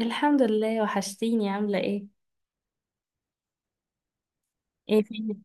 الحمد لله، وحشتيني. عاملة ايه؟ ايه فين؟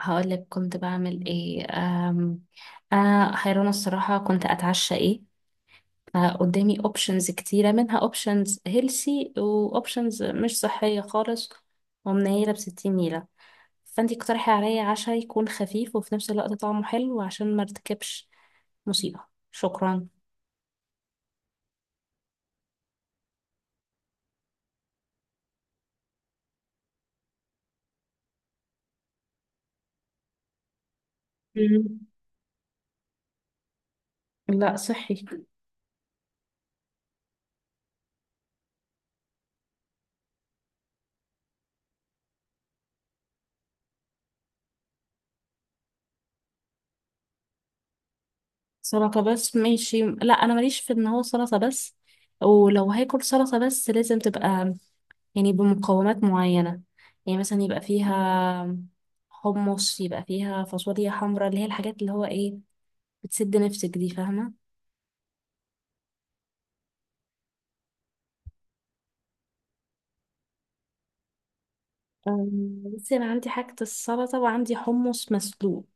هقولك كنت بعمل ايه. انا حيرانة الصراحة. كنت اتعشى ايه؟ فقدامي اوبشنز كتيرة، منها اوبشنز هيلسي واوبشنز مش صحية خالص ومنيلة بستين نيلة. فانتي اقترحي عليا عشاء يكون خفيف وفي نفس الوقت طعمه حلو عشان ما ارتكبش مصيبة. شكرا. مم. لا صحي. سلطة بس؟ ماشي. لا انا ماليش في ان هو سلطة بس، ولو هاكل سلطة بس لازم تبقى يعني بمقومات معينة. يعني مثلا يبقى فيها حمص، يبقى فيها فاصوليا حمراء، اللي هي الحاجات اللي هو ايه، بتسد نفسك دي، فاهمة؟ بس انا عندي حاجة السلطة وعندي حمص مسلوق،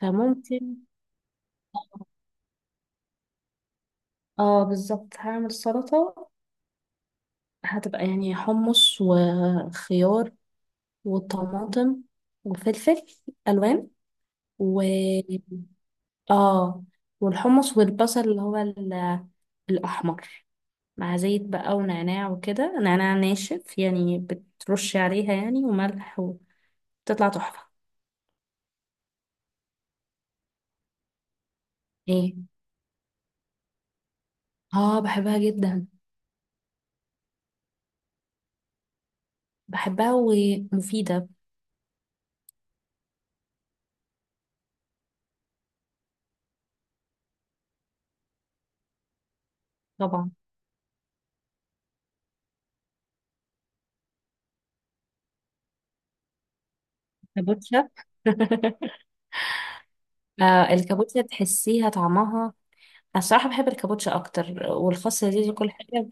فممكن. اه بالظبط، هعمل سلطة. هتبقى يعني حمص وخيار وطماطم وفلفل ألوان و اه والحمص والبصل اللي هو الأحمر، مع زيت بقى ونعناع وكده، نعناع ناشف يعني بترش عليها يعني، وملح، وتطلع تحفة. ايه؟ اه بحبها جدا. بحبها ومفيدة. طبعا. كابوتشا. آه الكابوتشا تحسيها طعمها. أنا الصراحة بحب الكابوتشا أكتر، والخاصة دي كل حاجة.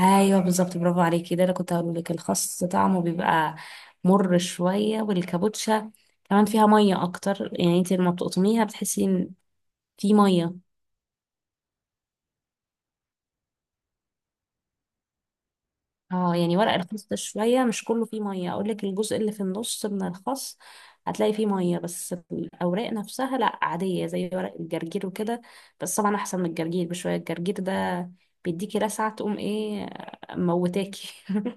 ايوه بالظبط، برافو عليكي. ده انا كنت هقول لك الخس طعمه بيبقى مر شويه، والكابوتشا كمان فيها ميه اكتر. يعني انت لما بتقطميها بتحسي ان في ميه. اه يعني ورق الخس ده شويه مش كله فيه ميه. اقول لك، الجزء اللي في النص من الخس هتلاقي فيه ميه، بس الاوراق نفسها لا عاديه زي ورق الجرجير وكده. بس طبعا احسن من الجرجير بشويه. الجرجير ده بيديكي لسعه، تقوم ايه، موتاكي.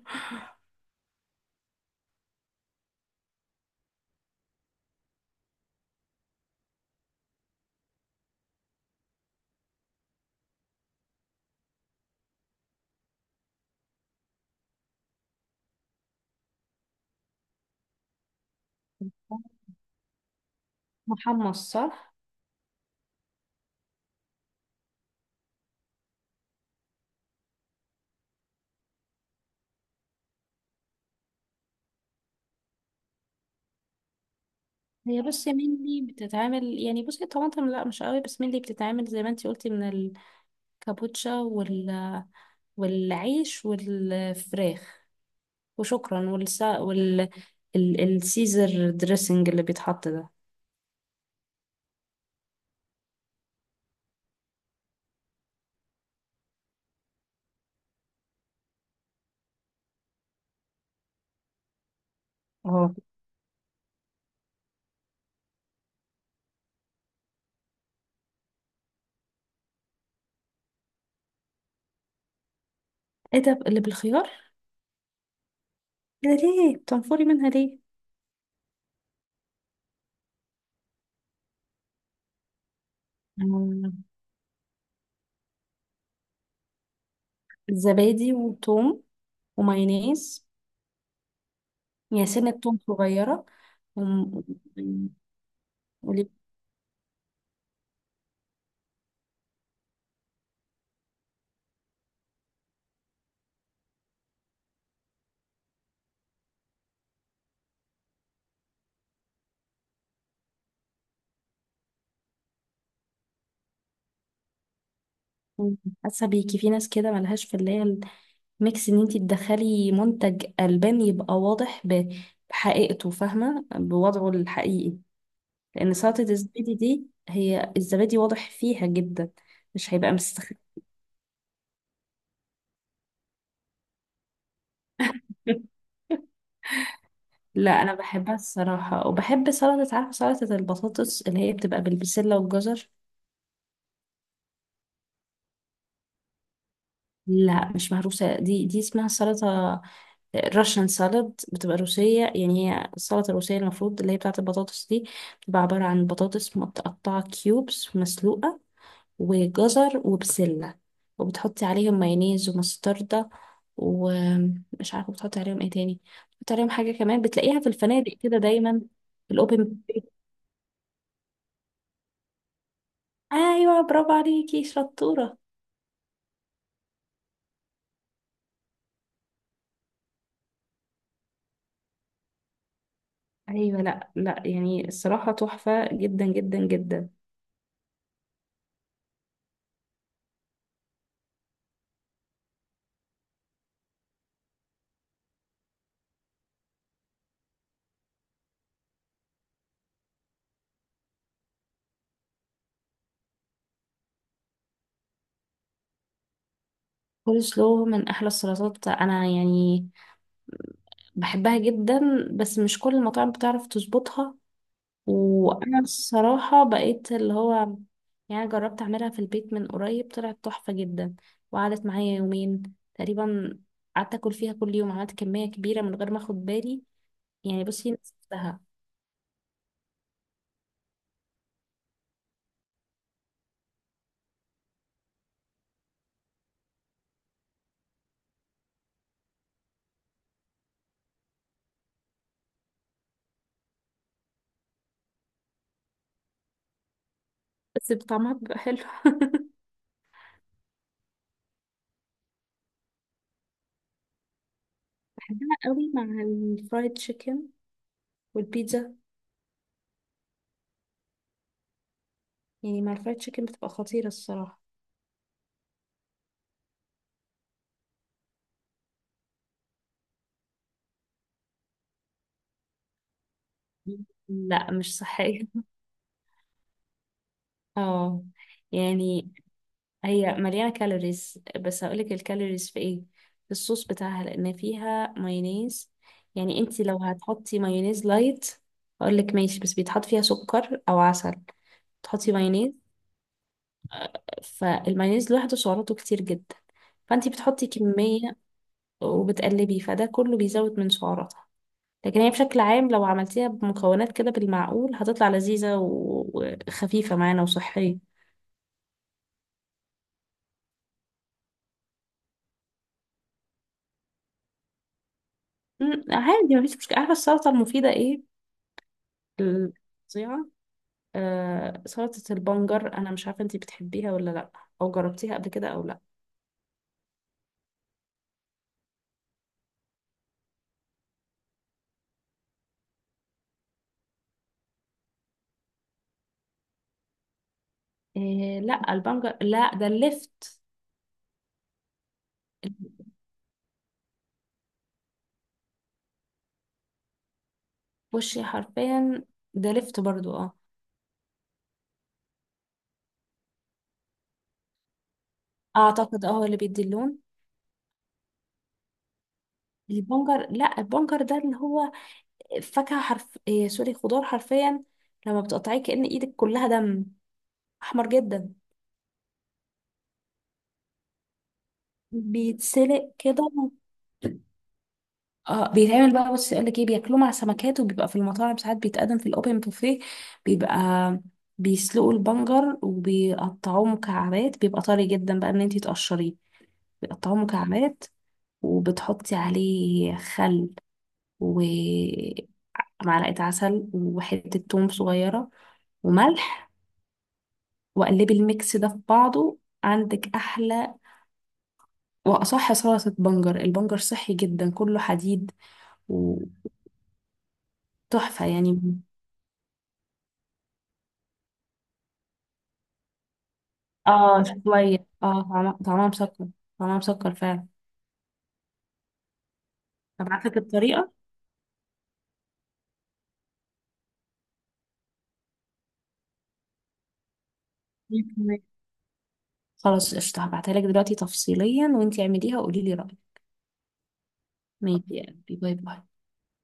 محمص، صح. هي بس مني بتتعمل، يعني بصي طماطم لا مش قوي، بس مني بتتعمل زي ما انتي قلتي من الكابوتشا والعيش والفراخ وشكرا والسا السيزر دريسنج اللي بيتحط ده. اه. ايه ده اللي بالخيار؟ ده ليه بتنفري منها ليه؟ آه، زبادي وثوم ومايونيز. يعني سنة توم صغيرة. وم- وم- حاسة بيكي في ناس كده ملهاش في اللي هي ميكس، ان انتي تدخلي منتج البان يبقى واضح بحقيقته، فاهمه، بوضعه الحقيقي. لان سلطه الزبادي دي هي الزبادي واضح فيها جدا، مش هيبقى مستخدم. لا انا بحبها الصراحه، وبحب سلطه، عارفه سلطه البطاطس اللي هي بتبقى بالبسله والجزر. لا مش مهروسه. دي دي اسمها سلطه راشن سالاد، بتبقى روسيه. يعني هي السلطه الروسيه المفروض، اللي هي بتاعه البطاطس دي، بتبقى عباره عن بطاطس متقطعه كيوبس مسلوقه وجزر وبسلة، وبتحطي عليهم مايونيز ومستردة، ومش عارفة بتحطي عليهم ايه تاني، بتحطي عليهم حاجة كمان بتلاقيها في الفنادق كده دايما في الأوبن بوفيه. ايوه برافو عليكي، شطورة. ايوه، لا لا، يعني الصراحة تحفة جدا جدا جدا. كول سلو من احلى السلطات، انا يعني بحبها جدا، بس مش كل المطاعم بتعرف تظبطها. وانا الصراحة بقيت اللي هو، يعني أنا جربت اعملها في البيت من قريب طلعت تحفة جدا، وقعدت معايا 2 يومين تقريبا، قعدت اكل فيها كل يوم، عملت كمية كبيرة من غير ما اخد بالي، يعني بصي نسيتها. بس طعمها بيبقى حلو. بحبها قوي مع الفرايد تشيكن والبيتزا. يعني مع الفرايد تشيكن بتبقى خطيرة الصراحة. لا مش صحية. اه يعني هي مليانة كالوريز، بس هقولك الكالوريز في ايه. في الصوص بتاعها، لان فيها مايونيز. يعني انتي لو هتحطي مايونيز لايت هقولك ماشي، بس بيتحط فيها سكر او عسل. تحطي مايونيز، فالمايونيز لوحده سعراته كتير جدا، فانتي بتحطي كمية وبتقلبي، فده كله بيزود من سعراتها. لكن هي بشكل عام لو عملتيها بمكونات كده بالمعقول هتطلع لذيذة وخفيفة معانا وصحية. عادي مفيش مشكلة. عارفة السلطة المفيدة ايه؟ ال- فظيعة. آه سلطة البنجر. أنا مش عارفة أنتي بتحبيها ولا لأ، أو جربتيها قبل كده أو لأ. إيه؟ لأ البنجر لأ، ده اللفت. وشي حرفيا. ده لفت برضو، اه. أعتقد اه، هو اللي بيدي اللون. البنجر، لأ البنجر ده اللي هو فاكهة حرف إيه، سوري خضار حرفيا، لما بتقطعيه كأن إيدك كلها دم، أحمر جدا. بيتسلق كده. اه بيتعمل بقى. بص يقول لك ايه، بياكلوه مع سمكات، وبيبقى في المطاعم ساعات بيتقدم في الاوبن بوفيه. بيبقى بيسلقوا البنجر وبيقطعوه مكعبات، بيبقى طري جدا بقى، ان انتي تقشريه، بيقطعوه مكعبات وبتحطي عليه خل ومعلقة عسل وحتة توم صغيرة وملح، وقلبي الميكس ده في بعضه، عندك احلى واصح سلطة. بنجر، البنجر صحي جدا، كله حديد. وتحفة يعني. اه شوية، اه طعمها طعمها مسكر. طعمها مسكر فعلا. هبعتلك الطريقة. 100%. خلاص قشطة، هبعتها لك دلوقتي تفصيليا، وانتي اعمليها وقولي لي رأيك. ماشي يا قلبي، باي باي.